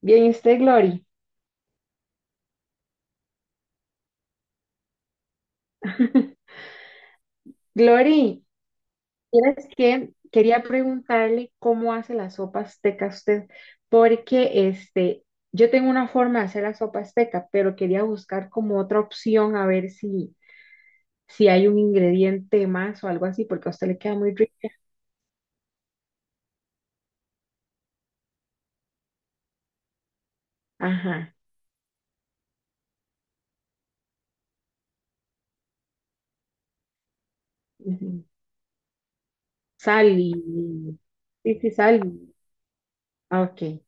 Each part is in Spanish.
Bien, ¿y usted, Glory? Glory, ¿tienes que quería preguntarle cómo hace la sopa azteca usted, porque yo tengo una forma de hacer la sopa azteca, pero quería buscar como otra opción a ver si hay un ingrediente más o algo así, porque a usted le queda muy rica. Ajá. Ujú. Sal. Sí, sí, sal. Ah, ok.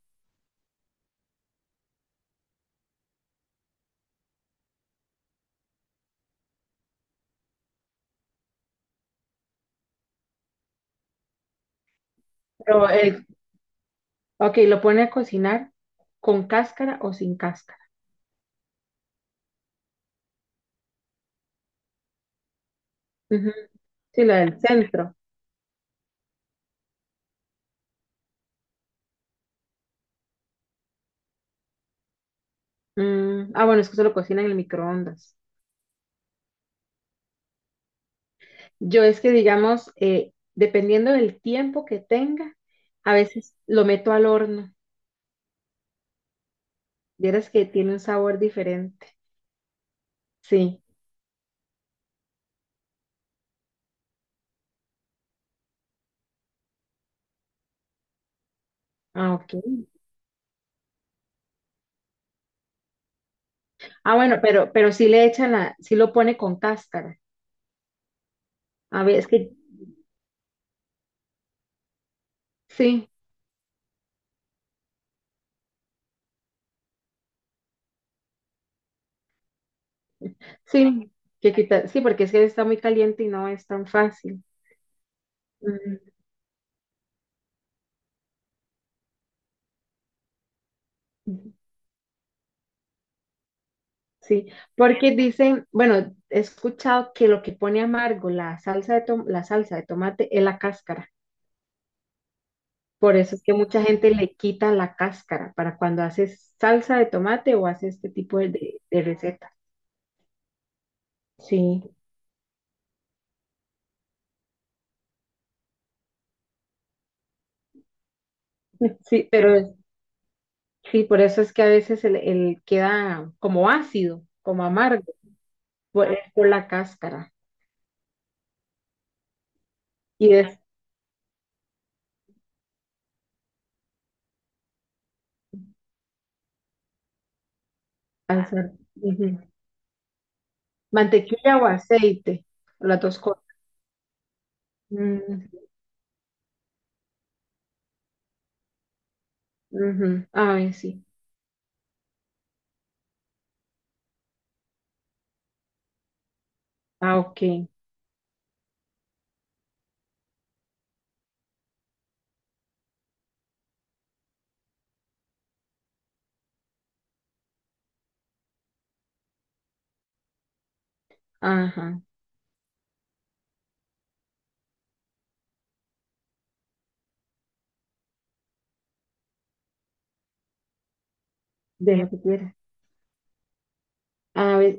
Pero ok, lo pone a cocinar con cáscara o sin cáscara. Ujú. Sí, la del centro. Mm, ah, bueno, es que se lo cocinan en el microondas. Yo es que, digamos, dependiendo del tiempo que tenga, a veces lo meto al horno. Vieras que tiene un sabor diferente. Sí. Ah, ok. Ah, bueno, pero sí le echan sí lo pone con cáscara. A ver, es que sí, sí, que quita, sí, porque es que está muy caliente y no es tan fácil. Mm, sí, porque dicen, bueno, he escuchado que lo que pone amargo la salsa de tomate es la cáscara. Por eso es que mucha gente le quita la cáscara para cuando haces salsa de tomate o haces este tipo de recetas. Sí, sí, sí, por eso es que a veces el queda como ácido, como amargo, es por la cáscara. Y es salsa. Ujú. Mantequilla o aceite, las dos cosas. Mm, ujú. A ver, sí. Ah, ok. Ajá. De lo que quieras. A ver,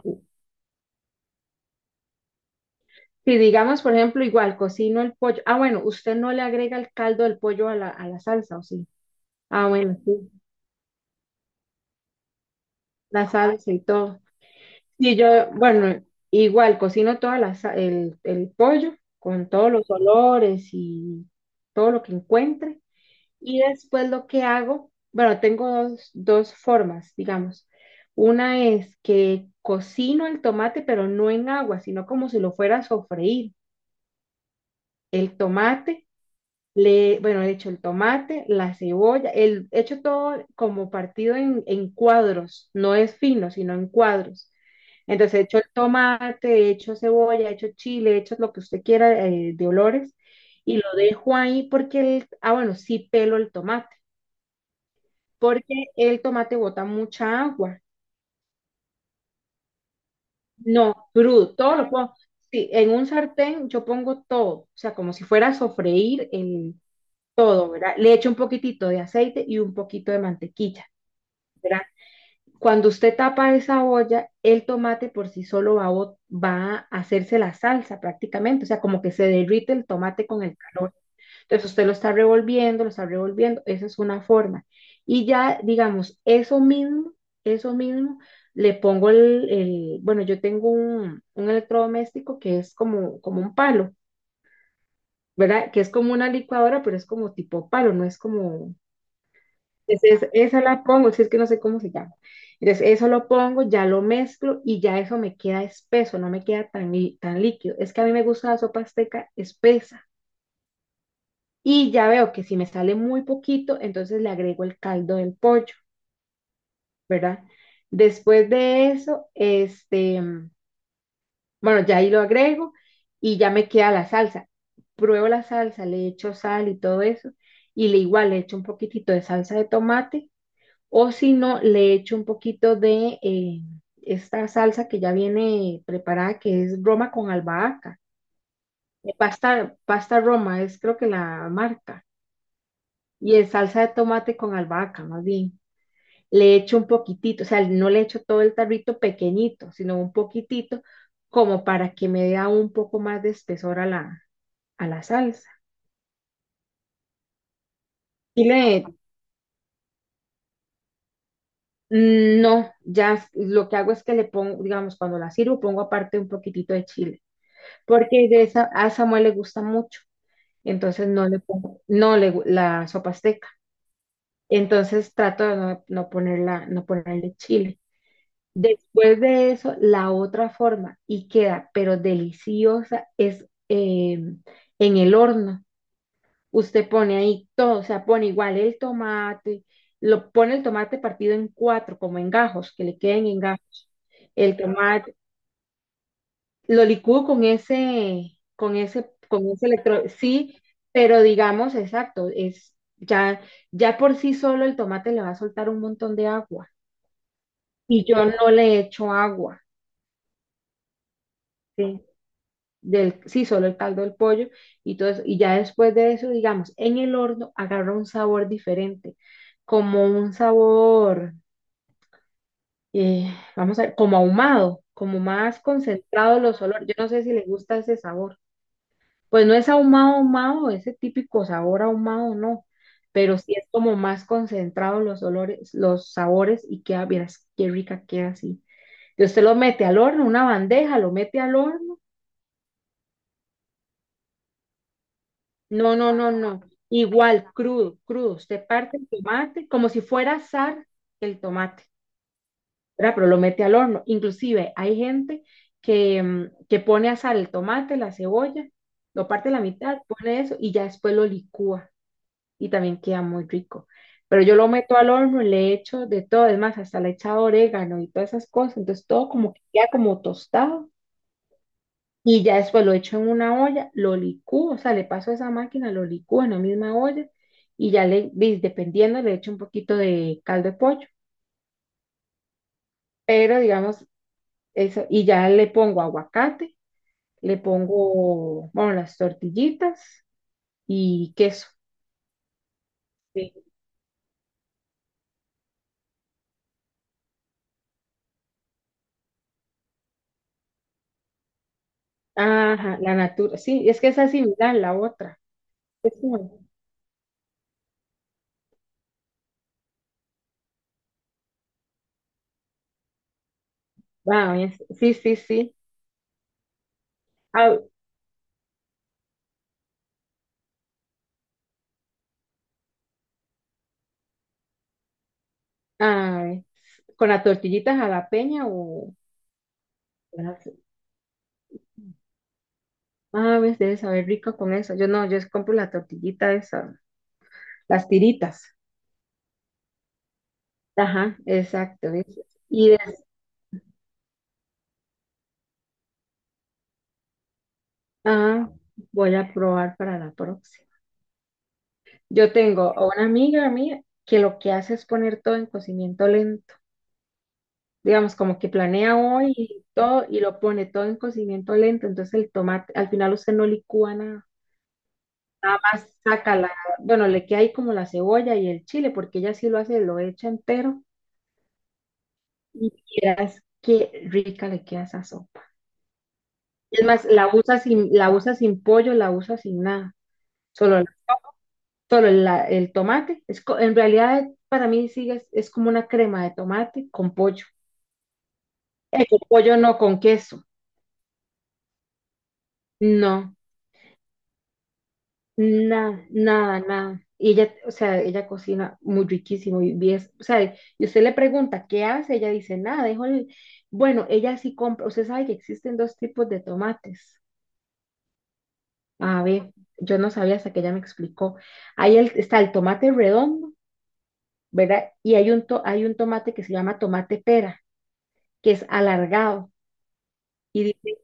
si digamos, por ejemplo, igual cocino el pollo. Ah, bueno, usted no le agrega el caldo del pollo a la salsa, ¿o sí? Ah, bueno, sí, la salsa y todo. Sí, yo, bueno, igual cocino el pollo con todos los olores y todo lo que encuentre. Y después lo que hago, bueno, tengo dos formas, digamos. Una es que cocino el tomate, pero no en agua, sino como si lo fuera a sofreír. El tomate. Bueno, le echo el tomate, la cebolla, echo todo como partido en cuadros, no es fino, sino en cuadros. Entonces echo el tomate, echo cebolla, echo chile, echo lo que usted quiera de olores y lo dejo ahí porque, ah, bueno, sí pelo el tomate, porque el tomate bota mucha agua. No, crudo, todo lo pongo. Sí, en un sartén yo pongo todo, o sea, como si fuera a sofreír todo, ¿verdad? Le echo un poquitito de aceite y un poquito de mantequilla, ¿verdad? Cuando usted tapa esa olla, el tomate por sí solo va a hacerse la salsa prácticamente, o sea, como que se derrite el tomate con el calor. Entonces usted lo está revolviendo, esa es una forma. Y ya, digamos, eso mismo, le pongo bueno, yo tengo un electrodoméstico que es como un palo, ¿verdad? Que es como una licuadora, pero es como tipo palo, no es como. Entonces, esa la pongo, si es que no sé cómo se llama. Entonces, eso lo pongo, ya lo mezclo y ya eso me queda espeso, no me queda tan líquido. Es que a mí me gusta la sopa azteca espesa. Y ya veo que si me sale muy poquito, entonces le agrego el caldo del pollo, ¿verdad? Después de eso, bueno, ya ahí lo agrego y ya me queda la salsa. Pruebo la salsa, le echo sal y todo eso. Y le igual le echo un poquitito de salsa de tomate. O si no, le echo un poquito de esta salsa que ya viene preparada, que es Roma con albahaca. Pasta Roma es creo que la marca. Y es salsa de tomate con albahaca, más bien. Le echo un poquitito, o sea, no le echo todo el tarrito pequeñito, sino un poquitito, como para que me dé aún un poco más de espesor a la salsa. Y le, no, ya lo que hago es que le pongo, digamos, cuando la sirvo, pongo aparte un poquitito de chile porque de esa, a Samuel le gusta mucho, entonces no le pongo, no le, gu- la sopa azteca, entonces trato de no ponerla, no ponerle chile. Después de eso, la otra forma, y queda, pero deliciosa, es en el horno. Usted pone ahí todo, o sea, pone igual el tomate, lo pone el tomate partido en cuatro, como en gajos, que le queden en gajos, el tomate lo licúo con ese, con ese, con ese electro, sí, pero digamos, exacto, ya por sí solo el tomate le va a soltar un montón de agua y yo no le echo agua, ¿sí? Sí, solo el caldo del pollo y todo eso, y ya después de eso, digamos, en el horno agarra un sabor diferente, como un sabor, eh, vamos a ver, como ahumado, como más concentrado los olores, yo no sé si le gusta ese sabor. Pues no es ahumado, ahumado, ese típico sabor ahumado, no, pero sí es como más concentrado los olores, los sabores y queda, vieras, qué rica queda así. Y usted lo mete al horno, una bandeja, lo mete al horno. No, no, no, no. Igual, crudo, crudo. Usted parte el tomate como si fuera asar el tomate, ¿verdad? Pero lo mete al horno. Inclusive hay gente que pone a asar el tomate, la cebolla, lo parte a la mitad, pone eso y ya después lo licúa y también queda muy rico. Pero yo lo meto al horno y le echo de todo, es más, hasta le he echado orégano y todas esas cosas, entonces todo como que queda como tostado y ya después lo echo en una olla, lo licúo, o sea, le paso a esa máquina, lo licúo en la misma olla y ya dependiendo, le echo un poquito de caldo de pollo, pero digamos, eso, y ya le pongo aguacate, le pongo, bueno, las tortillitas y queso. Sí. Ajá, la natura, sí, es que esa es similar a la otra. Wow, sí, sí, sí. Ah, ah, con las tortillitas a la peña. Ah, ves, debe saber rico con eso. Yo no, yo compro la tortillita esa, las tiritas. Ajá, exacto, ¿ves? Y des- ah, voy a probar para la próxima. Yo tengo a una amiga mía que lo que hace es poner todo en cocimiento lento. Digamos, como que planea hoy y todo y lo pone todo en cocimiento lento. Entonces el tomate, al final usted no licúa nada. Nada más saca bueno, le queda ahí como la cebolla y el chile, porque ella sí lo hace, lo echa entero y vieras qué rica le queda esa sopa. Es más, la usa sin pollo, la usa sin nada, solo, solo el tomate. En realidad, para mí sigue, es como una crema de tomate con pollo. Con pollo no, con queso. No. Nada, nada, nada. Y ella, o sea, ella cocina muy riquísimo y bien, o sea, y usted le pregunta, ¿qué hace? Ella dice, nada, dejo el... Bueno, ella sí compra, usted sabe que existen dos tipos de tomates. A ver, yo no sabía hasta que ella me explicó. Ahí está el tomate redondo, ¿verdad? Y hay un tomate que se llama tomate pera, que es alargado. Y dice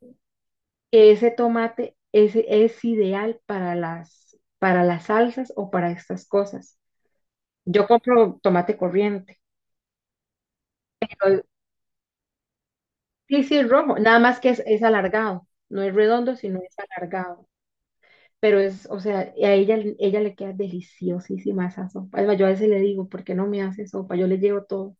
que ese tomate es, es ideal para las salsas o para estas cosas. Yo compro tomate corriente. pero Sí, sí, es rojo, nada más que es alargado, no es redondo, sino es alargado. Pero es, o sea, a ella, ella le queda deliciosísima esa sopa. Además, yo a veces le digo, ¿por qué no me hace sopa? Yo le llevo todo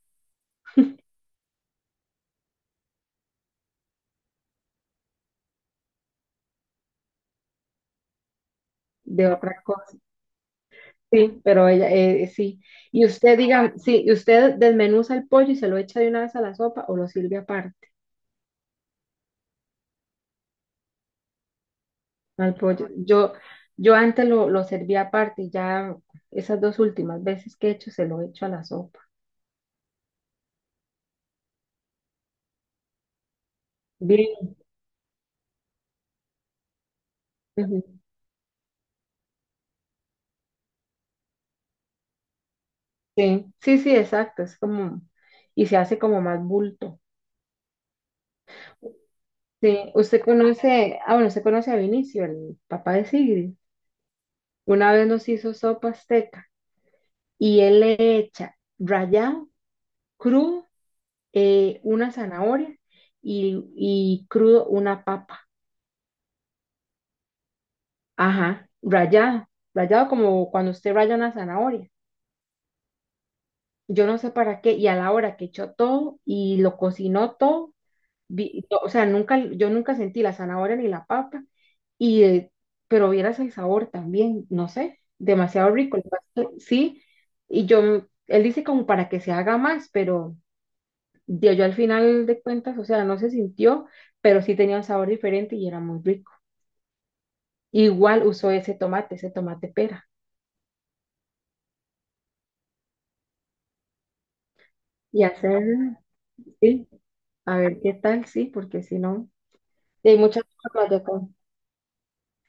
de otra cosa. Sí, pero ella, sí. Y usted diga, sí, y usted desmenuza el pollo y se lo echa de una vez a la sopa o lo sirve aparte no al pollo. Yo antes lo servía aparte y ya esas dos últimas veces que he hecho se lo echo a la sopa. Bien. Sí, sí, sí, exacto, y se hace como más bulto. Sí, ah, bueno, usted conoce a Vinicio, el papá de Sigrid. Una vez nos hizo sopa azteca y él le echa rallado, crudo, una zanahoria y crudo una papa. Ajá, rallado, rallado como cuando usted raya una zanahoria. Yo no sé para qué, y a la hora que echó todo y lo cocinó todo, no, o sea, nunca, yo nunca sentí la zanahoria ni la papa, y, pero vieras el sabor también, no sé, demasiado rico el pastel, sí, y él dice como para que se haga más, pero yo al final de cuentas, o sea, no se sintió, pero sí tenía un sabor diferente y era muy rico. Igual usó ese tomate, pera, y hacer, sí, a ver qué tal, sí, porque si no, y hay muchas formas.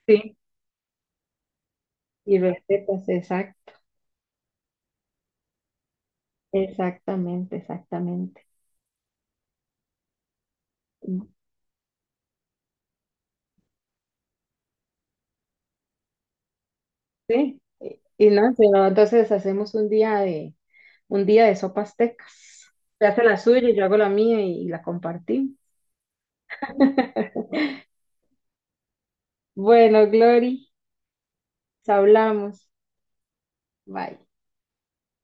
Sí, y recetas, exacto, exactamente, exactamente. Sí, y no, pero entonces hacemos un día de sopas tecas. Se hace la suya, yo hago la mía y la compartimos. Bueno, Glory, nos hablamos. Bye.